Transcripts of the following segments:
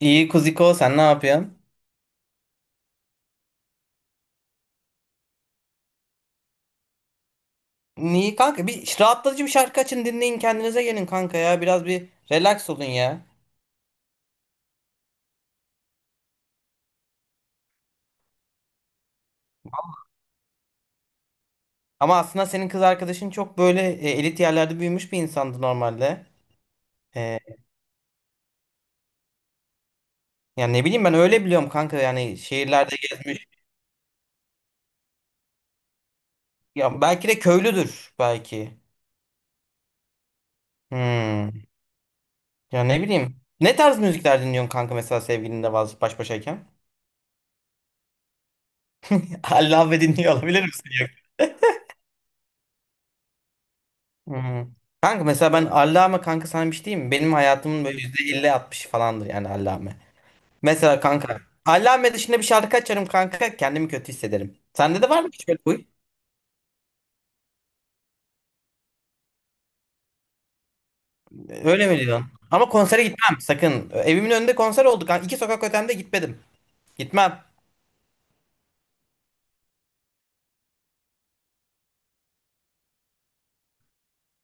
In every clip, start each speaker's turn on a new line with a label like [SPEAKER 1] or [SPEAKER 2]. [SPEAKER 1] İyi Kuziko, sen ne yapıyorsun? İyi kanka, rahatlatıcı bir şarkı açın, dinleyin, kendinize gelin kanka ya, biraz bir relax olun ya. Ama aslında senin kız arkadaşın çok böyle elit yerlerde büyümüş bir insandı normalde. E, Yani ne bileyim, ben öyle biliyorum kanka, yani şehirlerde gezmiş. Ya belki de köylüdür belki. Hmm. Ya ne bileyim. Ne tarz müzikler dinliyorsun kanka, mesela sevgilinle baş başayken? Allah, ve dinliyor olabilir misin? Hı. Kanka mesela ben Allame, kanka sana bir şey diyeyim mi? Benim hayatımın böyle %50-60 falandır yani Allame. Mesela kanka Allame dışında bir şarkı açarım kanka kendimi kötü hissederim. Sende de var mı hiç böyle huy? Öyle mi diyorsun? Ama konsere gitmem sakın. Evimin önünde konser oldu kanka. İki sokak ötemde, gitmedim. Gitmem.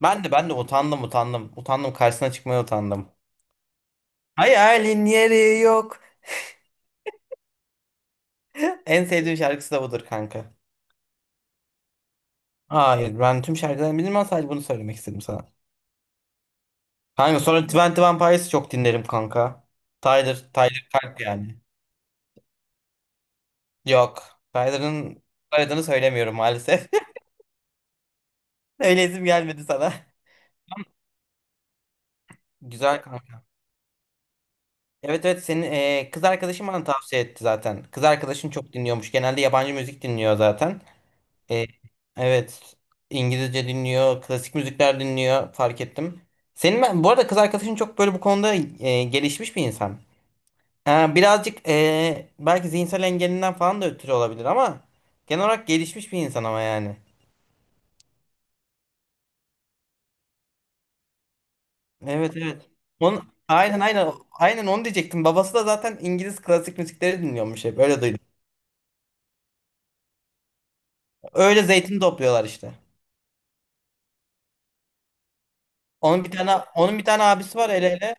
[SPEAKER 1] Ben de utandım utandım. Utandım, karşısına çıkmaya utandım. Hayalin yeri yok. En sevdiğim şarkısı da budur kanka. Hayır, ben tüm şarkılarını bilmem, sadece bunu söylemek istedim sana. Kanka sonra Twenty One Pilots'ı çok dinlerim kanka. Tyler Kalp yani. Yok. Tyler'ın soyadını söylemiyorum maalesef. Öyle isim gelmedi sana. Güzel kanka. Evet evet, senin kız arkadaşın bana tavsiye etti zaten. Kız arkadaşın çok dinliyormuş. Genelde yabancı müzik dinliyor zaten. E, evet. İngilizce dinliyor, klasik müzikler dinliyor, fark ettim. Senin ben bu arada kız arkadaşın çok böyle bu konuda gelişmiş bir insan. Ha, birazcık belki zihinsel engelinden falan da ötürü olabilir ama genel olarak gelişmiş bir insan ama yani. Evet evet. Onun, aynen onu diyecektim. Babası da zaten İngiliz klasik müzikleri dinliyormuş, hep öyle duydum. Öyle zeytin topluyorlar işte. Onun bir tane abisi var, ele ele.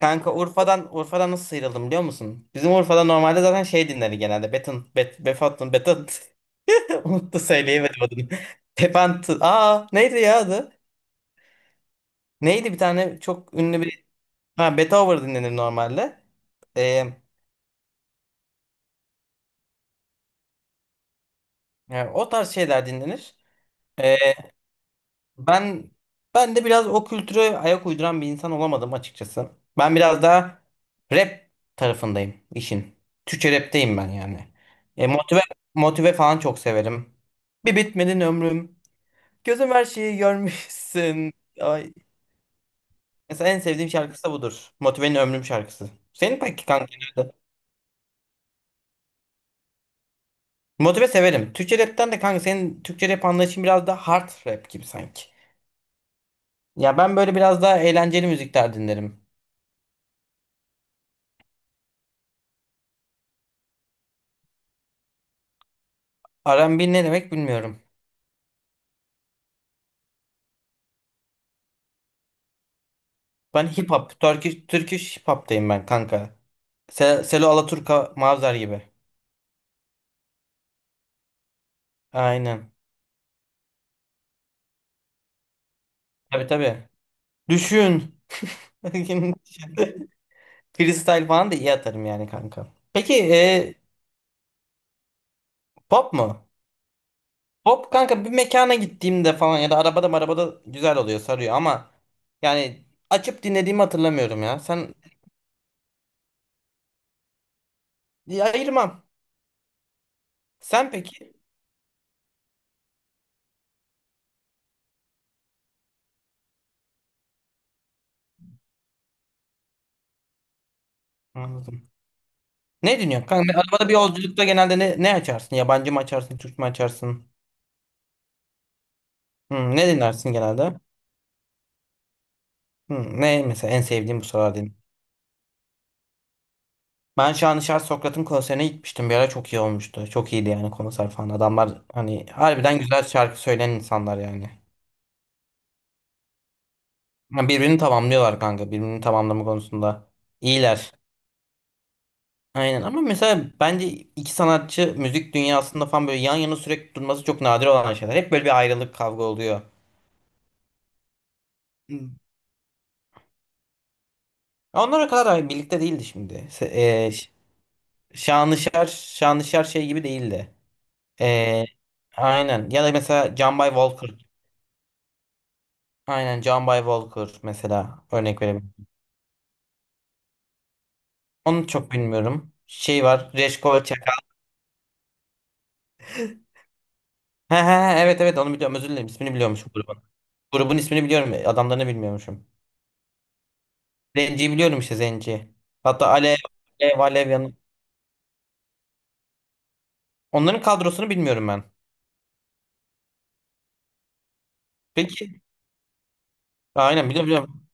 [SPEAKER 1] Kanka Urfa'dan nasıl sıyrıldım biliyor musun? Bizim Urfa'da normalde zaten şey dinleri genelde. Beton bet Befatın Beton unuttu, söyleyemedim adını. Tepant. Aa, neydi ya adı? Neydi, bir tane çok ünlü bir... Ha, Betover dinlenir normalde. Ee, Yani o tarz şeyler dinlenir. Ee, ben Ben de biraz o kültüre ayak uyduran bir insan olamadım açıkçası. Ben biraz daha rap tarafındayım işin. Türkçe rapteyim ben yani. E, motive Motive falan çok severim. Bir bitmedin ömrüm. Gözüm her şeyi görmüşsün. Ay, mesela en sevdiğim şarkısı da budur. Motive'nin Ömrüm şarkısı. Senin peki kanka? Motive severim. Türkçe rapten de kanka senin Türkçe rap anlayışın biraz da hard rap gibi sanki. Ya ben böyle biraz daha eğlenceli müzikler dinlerim. R&B ne demek bilmiyorum. Ben hip hop, Turkish hip hop'tayım ben kanka. Selo Alaturka, Mavzar gibi. Aynen. Tabii tabii. Düşün. Freestyle falan da iyi atarım yani kanka. Peki e, Pop mu? Pop kanka bir mekana gittiğimde falan ya da arabada güzel oluyor, sarıyor ama yani açıp dinlediğimi hatırlamıyorum ya. Sen... Diye ayırmam. Sen peki? Anladım. Ne dinliyorsun? Kanka, arabada bir yolculukta genelde ne açarsın? Yabancı mı açarsın? Türk mü açarsın? Hmm, ne dinlersin genelde? Hmm, ne mesela en sevdiğin bu sıralar din? Ben Şanışer Sokrat'ın konserine gitmiştim. Bir ara çok iyi olmuştu. Çok iyiydi yani konser falan. Adamlar hani harbiden güzel şarkı söyleyen insanlar yani. Ha, birbirini tamamlıyorlar kanka. Birbirini tamamlama konusunda. İyiler. Aynen ama mesela bence iki sanatçı müzik dünyasında falan böyle yan yana sürekli durması çok nadir olan şeyler. Hep böyle bir ayrılık, kavga oluyor. Hı. Onlar kadar da birlikte değildi şimdi. E, Ş- Şanışer şey gibi değildi. E, aynen. Ya da mesela John By Walker. Aynen, John By Walker mesela örnek verebilirim. Onu çok bilmiyorum. Şey var. Reşko Çakal. He he he, evet evet, onu biliyorum. Özür dilerim. İsmini biliyormuşum grubun. Grubun ismini biliyorum, adamlarını bilmiyormuşum. Zenci'yi biliyorum işte, Zenci. Hatta Alev yanı. Onların kadrosunu bilmiyorum ben. Peki. Aynen, biliyorum biliyorum.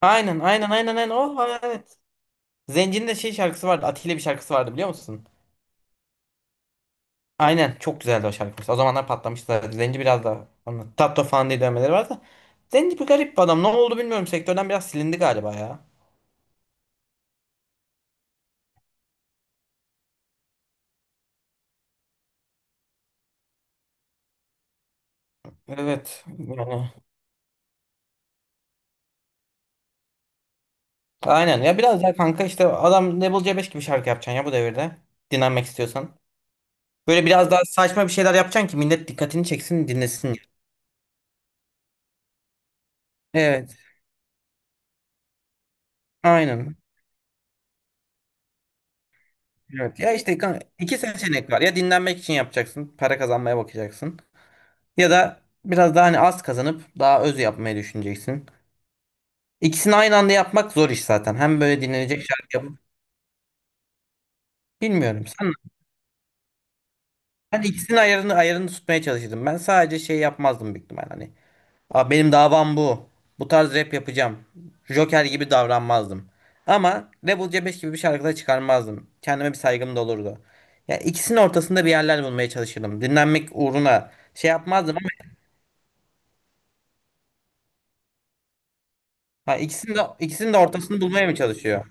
[SPEAKER 1] Aynen aynen aynen aynen. Oh, evet. Evet. Zenci'nin de şey şarkısı vardı. Atilla bir şarkısı vardı, biliyor musun? Aynen çok güzeldi o şarkı mesela. O zamanlar patlamıştı zaten. Zenci biraz da onun Tatto falan diye dövmeleri var da. Zenci bir garip bir adam. Ne oldu bilmiyorum. Sektörden biraz silindi galiba ya. Evet. Yani. Aynen ya, biraz daha kanka işte adam Level C5 gibi şarkı yapacaksın ya bu devirde. Dinlenmek istiyorsan. Böyle biraz daha saçma bir şeyler yapacaksın ki millet dikkatini çeksin, dinlesin. Evet. Aynen. Evet. Ya işte iki seçenek var. Ya dinlenmek için yapacaksın, para kazanmaya bakacaksın. Ya da biraz daha hani az kazanıp daha öz yapmayı düşüneceksin. İkisini aynı anda yapmak zor iş zaten. Hem böyle dinlenecek şarkı yapıp... bilmiyorum. İkisinin ayarını tutmaya çalışırdım. Ben sadece şey yapmazdım büyük ihtimal hani. Aa, benim davam bu. Bu tarz rap yapacağım. Joker gibi davranmazdım. Ama Rebel C5 gibi bir şarkı da çıkarmazdım. Kendime bir saygım da olurdu. Ya ikisinin ortasında bir yerler bulmaya çalışırdım. Dinlenmek uğruna şey yapmazdım ama... Ha, ikisinin de ortasını bulmaya mı çalışıyor?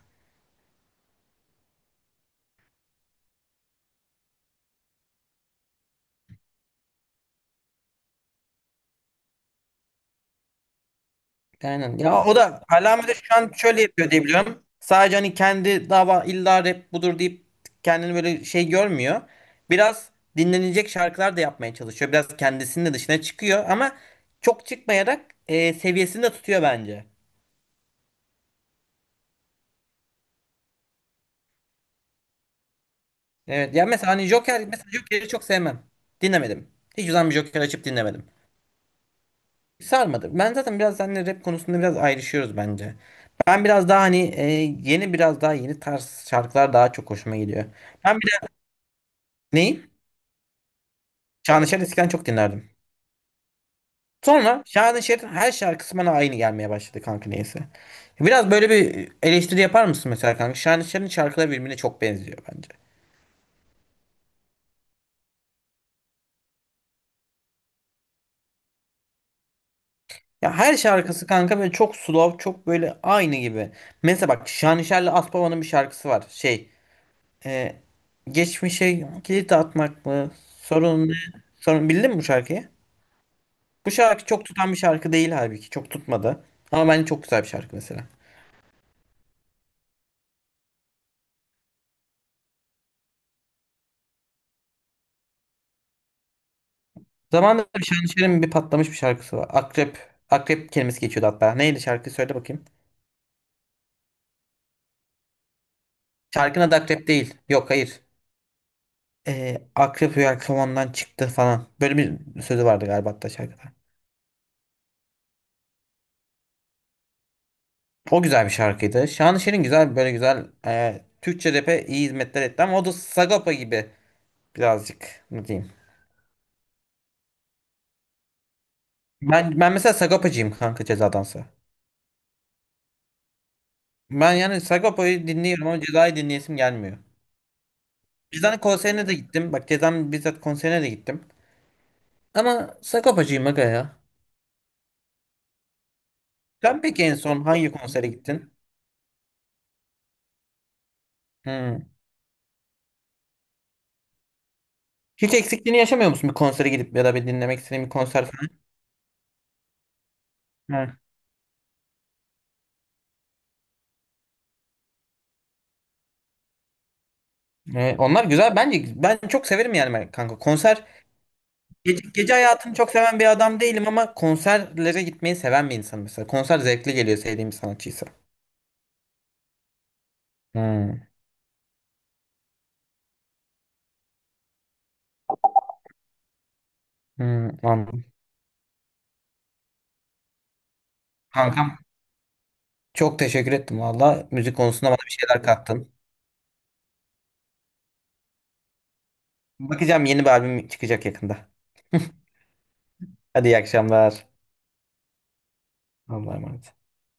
[SPEAKER 1] Aynen. Ya o da Allame de şu an şöyle yapıyor diye biliyorum. Sadece hani kendi dava illa rap budur deyip kendini böyle şey görmüyor. Biraz dinlenecek şarkılar da yapmaya çalışıyor. Biraz kendisinin de dışına çıkıyor ama çok çıkmayarak seviyesini de tutuyor bence. Evet. Ya mesela hani mesela Joker'i çok sevmem. Dinlemedim. Hiç zaman bir Joker açıp dinlemedim. Sarmadı. Ben zaten biraz seninle rap konusunda biraz ayrışıyoruz bence. Ben biraz daha hani biraz daha yeni tarz şarkılar daha çok hoşuma gidiyor. Ben bir de... Neyi? Şanışer eskiden çok dinlerdim. Sonra Şanışer'in her şarkısı bana aynı gelmeye başladı kanka, neyse. Biraz böyle bir eleştiri yapar mısın mesela kanka? Şanışer'in şarkıları birbirine çok benziyor bence. Ya her şarkısı kanka böyle çok slow, çok böyle aynı gibi. Mesela bak Şanışer'le Aspava'nın bir şarkısı var. E, Geçmişe kilit atmak mı? Sorun ne? Sorun, bildin mi bu şarkıyı? Bu şarkı çok tutan bir şarkı değil halbuki. Çok tutmadı. Ama bence çok güzel bir şarkı mesela. Zamanında bir Şanışer'in bir patlamış bir şarkısı var. Akrep. Akrep kelimesi geçiyordu hatta. Neydi şarkı, söyle bakayım. Şarkının adı Akrep değil. Yok, hayır. Akrep rüya kovandan çıktı falan. Böyle bir sözü vardı galiba hatta şarkıda. O güzel bir şarkıydı. Şanışer'in güzel böyle güzel Türkçe rap'e iyi hizmetler etti ama o da Sagopa gibi birazcık ne diyeyim. Ben mesela Sagopacıyım kanka, Ceza'dansa. Ben yani Sagopa'yı dinliyorum ama Ceza'yı dinleyesim gelmiyor. Ceza'nın konserine de gittim. Bak, Ceza'nın bizzat konserine de gittim. Ama Sagopacıyım aga ya. Sen peki en son hangi konsere gittin? Hmm. Hiç eksikliğini yaşamıyor musun bir konsere gidip ya da bir dinlemek istediğin bir konser falan? Hmm. Onlar güzel. Bence ben çok severim yani ben kanka. Konser... gece hayatını çok seven bir adam değilim ama konserlere gitmeyi seven bir insan mesela. Konser zevkli geliyor sevdiğim bir sanatçıysa. Hmm. Hmm, anladım. Kankam çok teşekkür ettim valla. Müzik konusunda bana bir şeyler kattın. Bakacağım, yeni bir albüm çıkacak yakında. Hadi, iyi akşamlar. Allah'a emanet.